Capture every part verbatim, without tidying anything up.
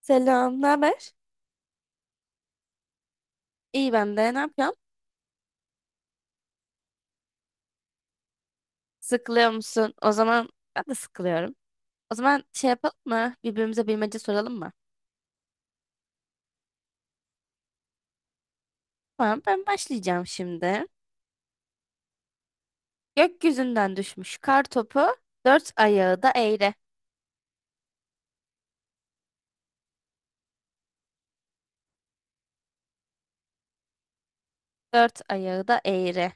Selam, ne haber? İyi ben de. Ne yapıyorsun? Sıkılıyor musun? O zaman ben de sıkılıyorum. O zaman şey yapalım mı? Birbirimize bilmece soralım mı? Tamam, ben başlayacağım şimdi. Gökyüzünden düşmüş kar topu, dört ayağı da eğri. Dört ayağı da eğri.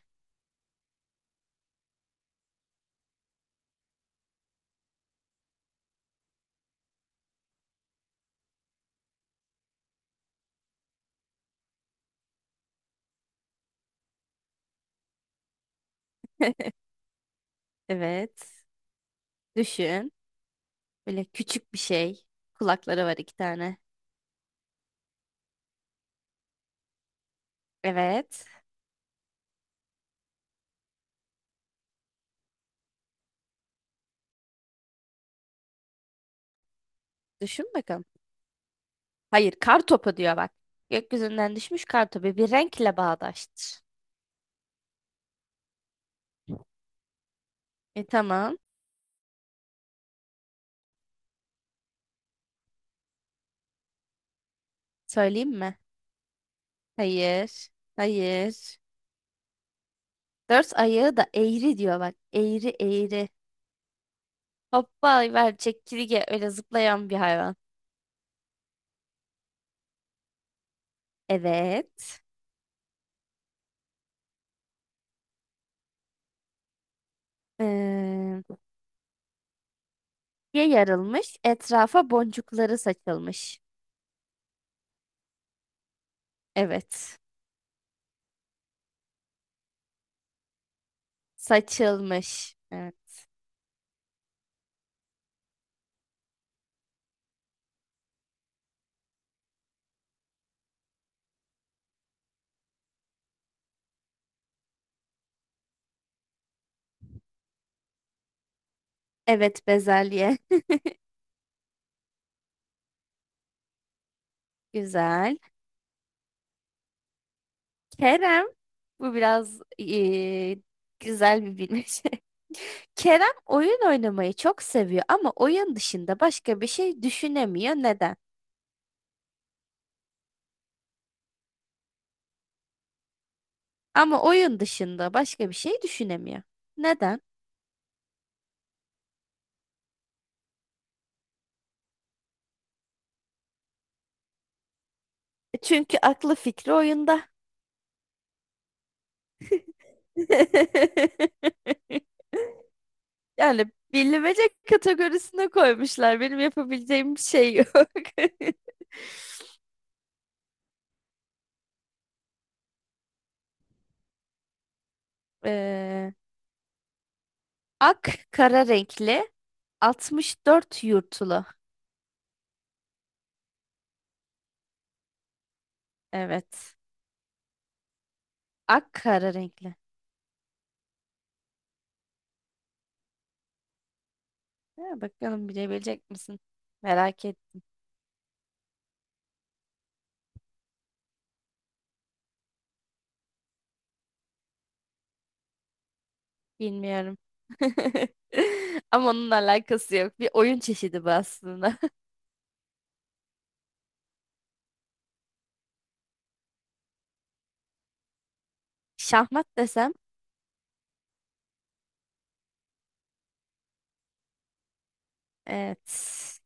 Evet. Düşün. Böyle küçük bir şey. Kulakları var iki tane. Evet. Düşün bakalım. Hayır, kar topu diyor bak. Gökyüzünden düşmüş kar topu bir renkle bağdaştır. E tamam. Söyleyeyim mi? Hayır. Hayır. Dört ayağı da eğri diyor bak. Eğri eğri. Hoppa ver çekirge öyle zıplayan bir hayvan. Evet. Ee, ye yarılmış. Etrafa boncukları saçılmış. Evet. Saçılmış. Evet. Evet, bezelye. Güzel. Kerem. Bu biraz ee, güzel bir bilmece. Kerem oyun oynamayı çok seviyor ama oyun dışında başka bir şey düşünemiyor. Neden? Ama oyun dışında başka bir şey düşünemiyor. Neden? Çünkü aklı fikri oyunda. Yani bilmece kategorisine koymuşlar. Benim yapabileceğim bir şey yok. Ee, Ak kara renkli altmış dört yurtulu. Evet. Ak kara renkli. Ha, bakalım bilebilecek misin? Merak et. Bilmiyorum. Ama onunla alakası yok. Bir oyun çeşidi bu aslında. Şahmat desem. Evet.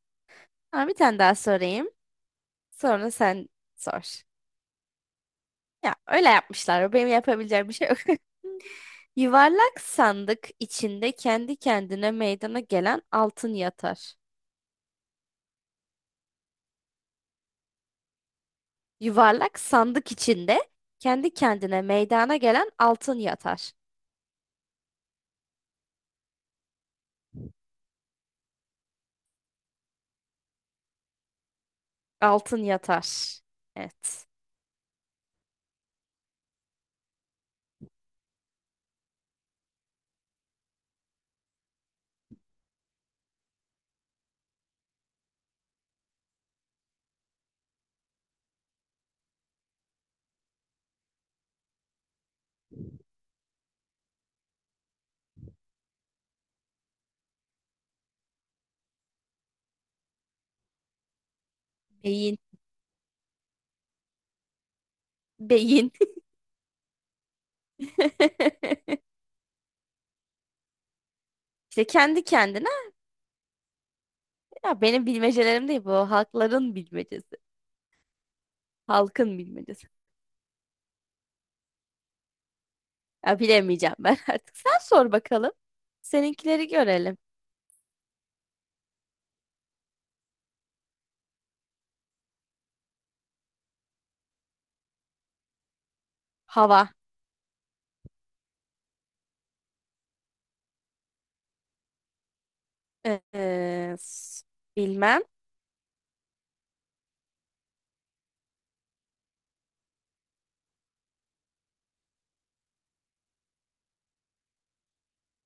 Ama bir tane daha sorayım. Sonra sen sor. Ya öyle yapmışlar. Benim yapabileceğim bir şey yok. Yuvarlak sandık içinde kendi kendine meydana gelen altın yatar. Yuvarlak sandık içinde kendi kendine meydana gelen altın yatar. Altın yatar. Evet. Beyin. Beyin. İşte kendi kendine ya benim bilmecelerim değil bu. Halkların bilmecesi. Halkın bilmecesi. Ya bilemeyeceğim ben artık. Sen sor bakalım. Seninkileri görelim. Hava. Ee, s- Bilmem.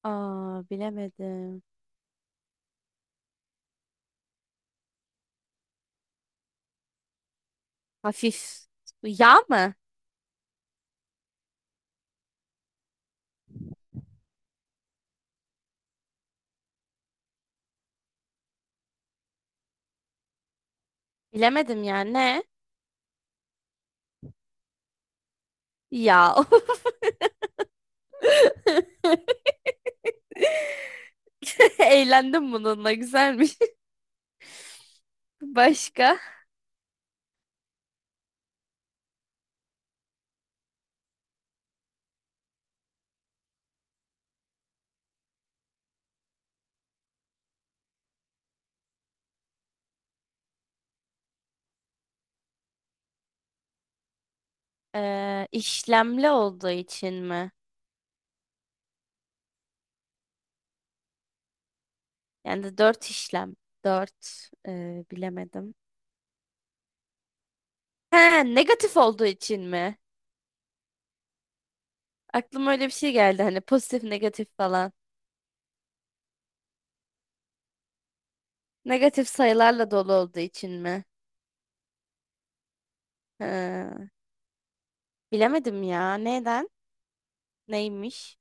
Aa, bilemedim. Hafif. Yağ mı? Bilemedim ya. Ne? Yağ. Eğlendim bununla. Güzelmiş. Başka? Ee, işlemli olduğu için mi? Yani de dört işlem. Dört. Ee, bilemedim. He, negatif olduğu için mi? Aklıma öyle bir şey geldi. Hani pozitif, negatif falan. Negatif sayılarla dolu olduğu için mi? He, bilemedim ya. Neden? Neymiş?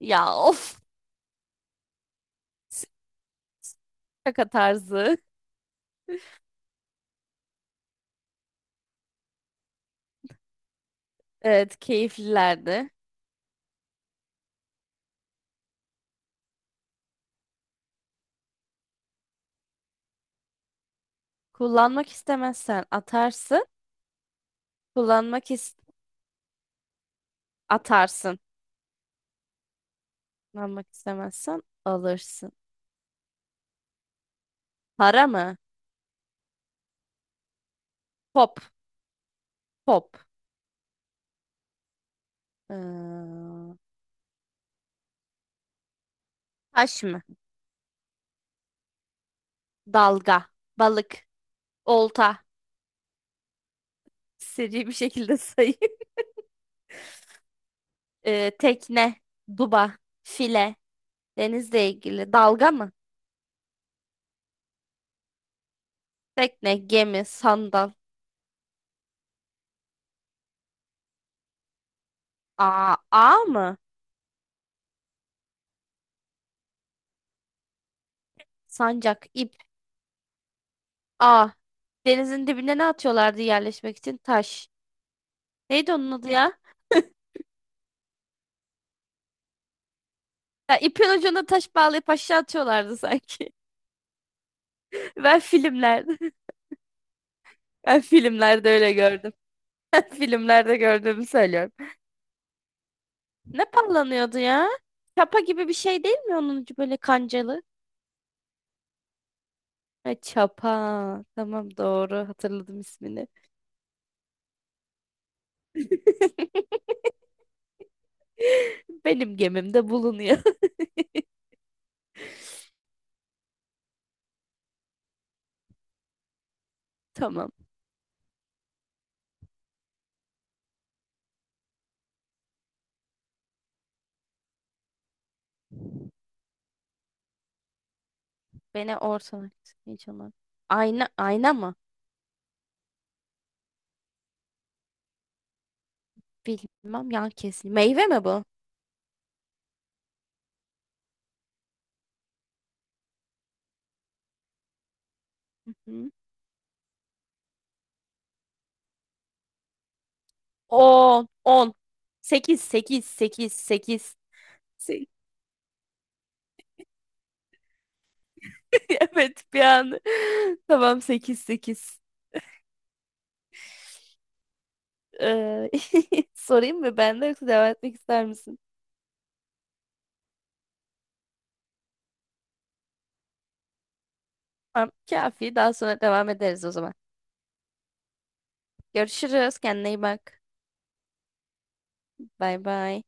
Ya of. Şaka tarzı. Evet, keyiflilerdi. Kullanmak istemezsen atarsın. Kullanmak is atarsın. Kullanmak istemezsen alırsın. Para mı? Pop. Pop. Ee, Taş mı? Dalga. Balık. Olta. Seri bir şekilde sayayım. Ee, tekne. Duba. File. Denizle ilgili. Dalga mı? Tekne, gemi, sandal. Aa, ağ mı? Sancak, ip, ağ. Denizin dibine ne atıyorlardı yerleşmek için? Taş. Neydi onun adı ya? Ya ipin ucuna taş bağlayıp aşağı atıyorlardı sanki. Ben filmlerde, ben filmlerde öyle gördüm. Ben filmlerde gördüğümü söylüyorum. Ne pallanıyordu ya? Çapa gibi bir şey değil mi onun ucu böyle kancalı? Ha, çapa. Tamam, doğru hatırladım ismini. Benim gemimde bulunuyor. Tamam. Beni ortadan kes. Hiç olmaz. Ayna, ayna mı? Bilmem yan kesin. Meyve mi bu? Hı-hı. on, on. sekiz, sekiz, sekiz, sekiz. Evet, bir an. Tamam sekiz, sekiz. Ee, Sorayım mı ben de yoksa devam etmek ister misin? Tamam, kafi. Daha sonra devam ederiz o zaman. Görüşürüz. Kendine iyi bak. Bay bay.